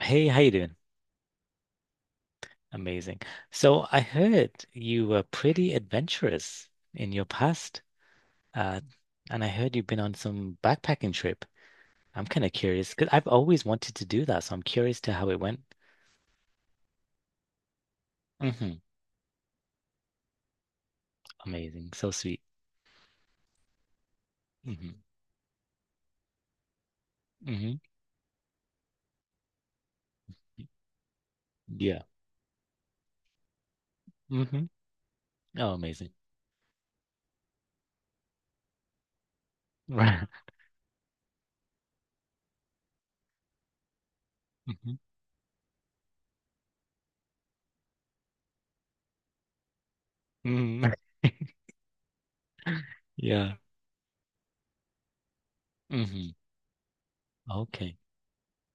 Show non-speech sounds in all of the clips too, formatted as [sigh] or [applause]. Hey, how you doing? Amazing. So I heard you were pretty adventurous in your past, uh, and I heard you've been on some backpacking trip. I'm kind of curious because I've always wanted to do that, so I'm curious to how it went. Hmm. Amazing. So sweet. Hmm. Hmm. Yeah. Hmm. Oh, amazing. Right. [laughs] Hmm. Hmm. Yeah. Hmm. Okay.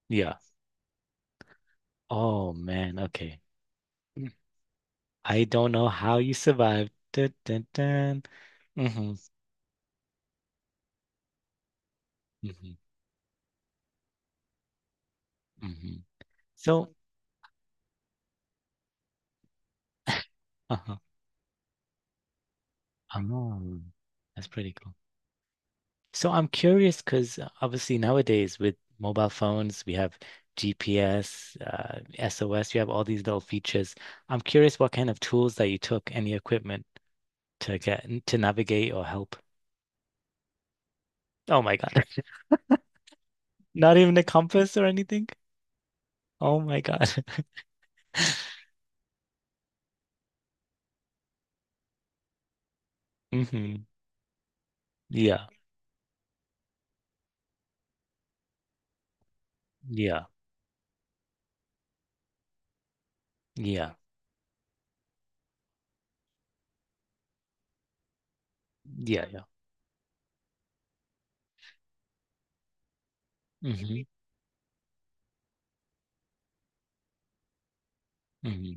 Yeah. Oh man. Okay. I don't know how you survived. Dun, dun, dun. Hmm. Hmm. So, uh-huh. Oh, that's pretty cool. So I'm curious because obviously nowadays with mobile phones, we have GPS, SOS, you have all these little features. I'm curious what kind of tools that you took, any equipment to get to navigate or help. Oh my God. [laughs] Not even a compass or anything? Oh my God. [laughs] Hmm. Yeah. Yeah. Yeah. Yeah. Yeah. Hmm. Hmm.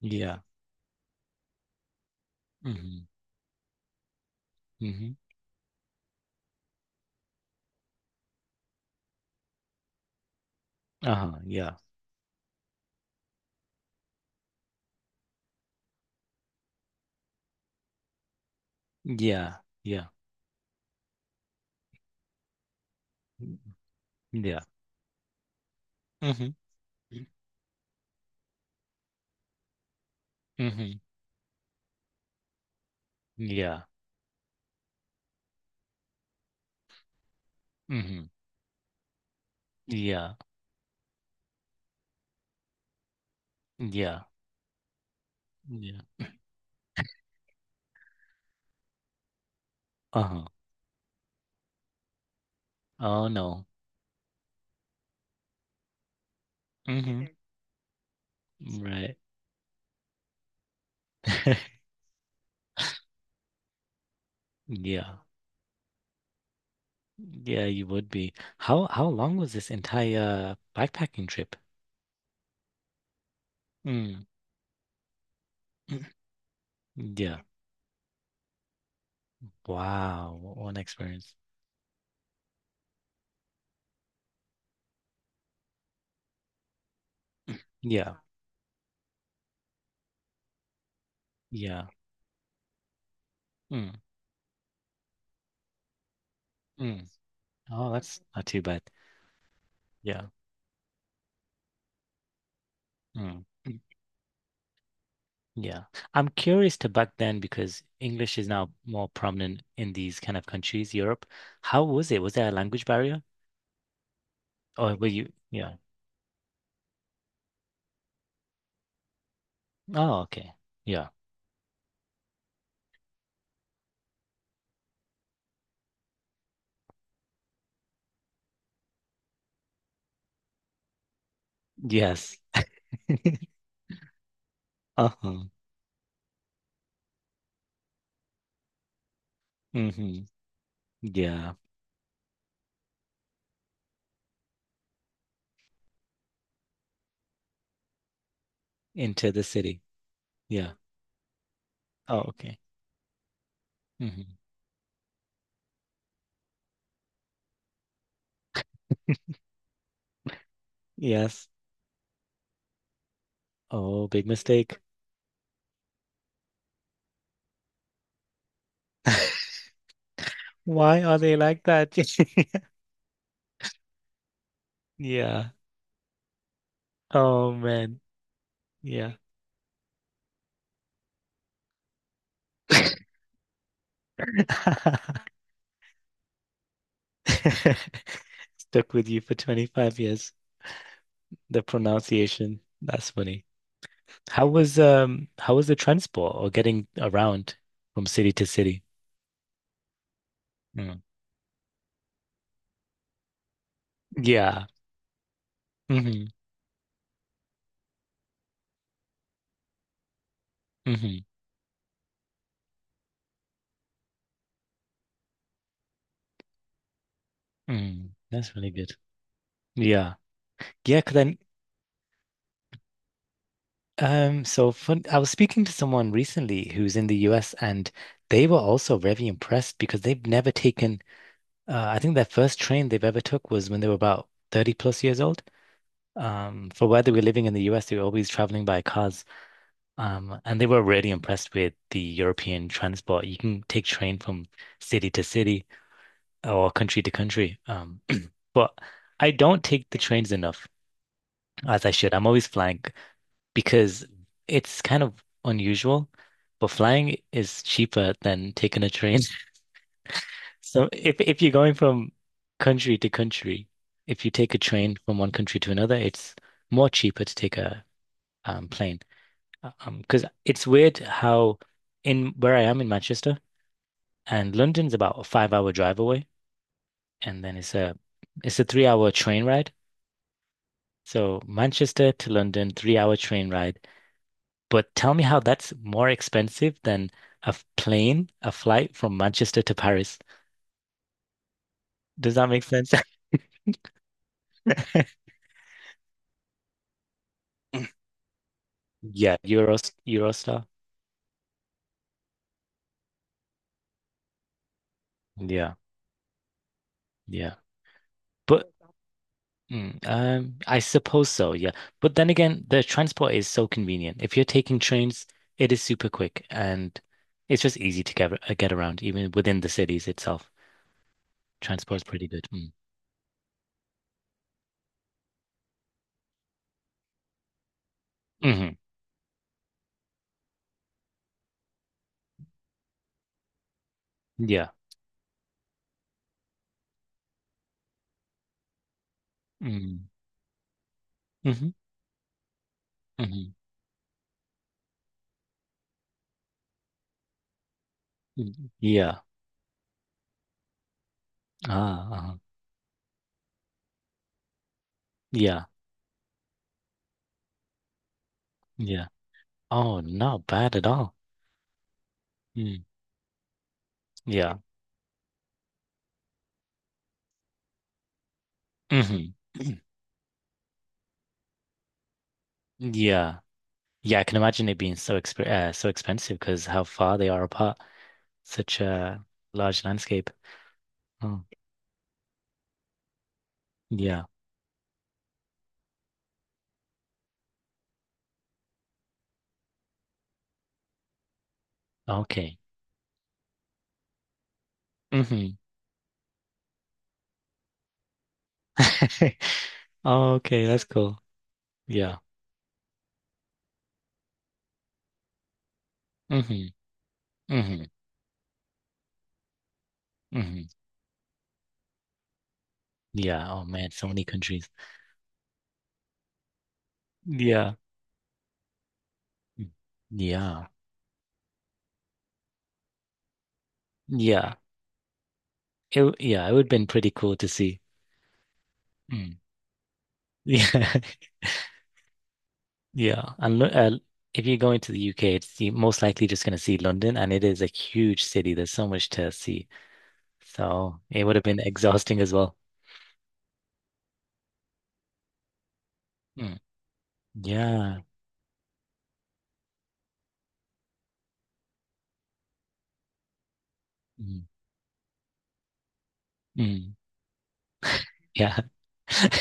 Yeah. Hmm. Hmm. Uh-huh. Yeah. Yeah. Yeah. Yeah. Mm-hmm. Mm-hmm. Yeah. Mm-hmm. Yeah. Yeah. Yeah. Uh-huh. Oh no. Mm-hmm. Right. [laughs] Yeah. Yeah, you would be. How long was this entire backpacking trip? Mm. [clears throat] Yeah. Wow. What an experience. [clears throat] Yeah. Yeah. Mm. Mm. Oh, that's not too bad. Yeah. Mm. Yeah. I'm curious to back then because English is now more prominent in these kind of countries, Europe. How was it? Was there a language barrier? Or were you, yeah. Oh, okay. Yeah. Yes. [laughs] Uh-huh. Hmm. Yeah. Into the city. Yeah. Oh, okay. Hmm. Yes. Oh, big mistake. [laughs] Why are they like that? [laughs] Yeah. Oh, man. Yeah. [laughs] [laughs] Stuck with you for 25 years. The pronunciation. That's funny. How was the transport or getting around from city to city? Mm. Yeah. Hmm. Hmm. Hmm. That's really good. Yeah. Yeah, 'cause then, so fun, I was speaking to someone recently who's in the US, and they were also very impressed because they've never taken, I think their first train they've ever took was when they were about 30 plus years old. For where they were living in the US, they were always traveling by cars. And they were really impressed with the European transport. You can take train from city to city or country to country. [clears throat] But I don't take the trains enough as I should. I'm always flying because it's kind of unusual, but flying is cheaper than taking a train. [laughs] So if you're going from country to country, if you take a train from one country to another, it's more cheaper to take a plane. Because it's weird how in where I am in Manchester. And London's about a 5-hour drive away, and then it's a 3-hour train ride. So Manchester to London, 3-hour train ride. But tell me how that's more expensive than a plane, a flight from Manchester to Paris. Does that make sense? [laughs] Yeah, Euros, Eurostar. Yeah, yeah. But I suppose so, yeah. But then again, the transport is so convenient. If you're taking trains, it is super quick, and it's just easy to get around, even within the cities itself. Transport is pretty good. Mm. Hmm. Yeah. Mm. Hmm. Hmm. Yeah. Ah, uh-huh. Yeah. Yeah. Oh, not bad at all. Mm. Yeah. Hmm. [clears throat] Yeah. Yeah, I can imagine it being so expensive because how far they are apart. Such a large landscape. Oh. Yeah. Okay. Mm-hmm. [laughs] Okay, that's cool. Yeah. Mm-hmm. Mm-hmm. Mm-hmm. Yeah. Oh man, so many countries. Yeah. Mm. Yeah. Yeah. Yeah, it would have been pretty cool to see. Mm. [laughs] Yeah. Yeah. And lo If you're going to the UK, it's you most likely just going to see London, and it is a huge city. There's so much to see. So it would have been exhausting as well. Mm. Yeah. Mm. Mm. Yeah. [laughs]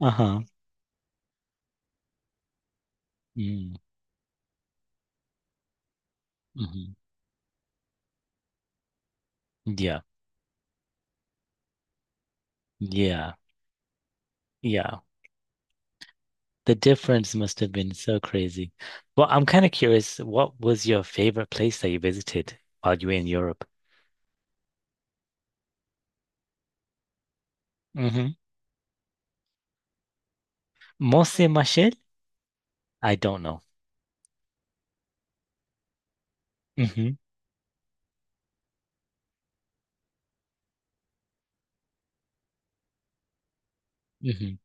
Uh-huh. Mm. Mm-hmm. Yeah, yeah, yeah. The difference must have been so crazy. Well, I'm kind of curious, what was your favorite place that you visited while you were in Europe? Mm-hmm. Mont Michel? I don't know. Hmm. Hmm.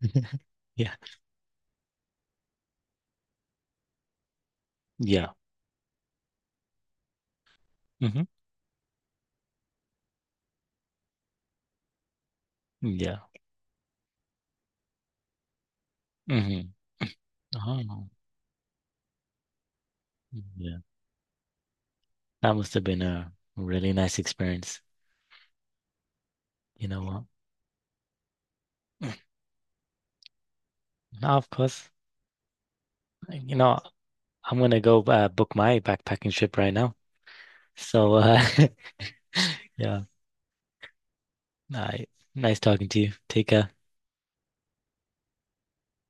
[laughs] Yeah, yeah. Hmm. Yeah. Hmm. Oh, yeah. That must have been a really nice experience. You know what? [clears throat] No, of course. You know, I'm gonna go book my backpacking trip right now. So, [laughs] yeah. All right. Nice talking to you. Take care.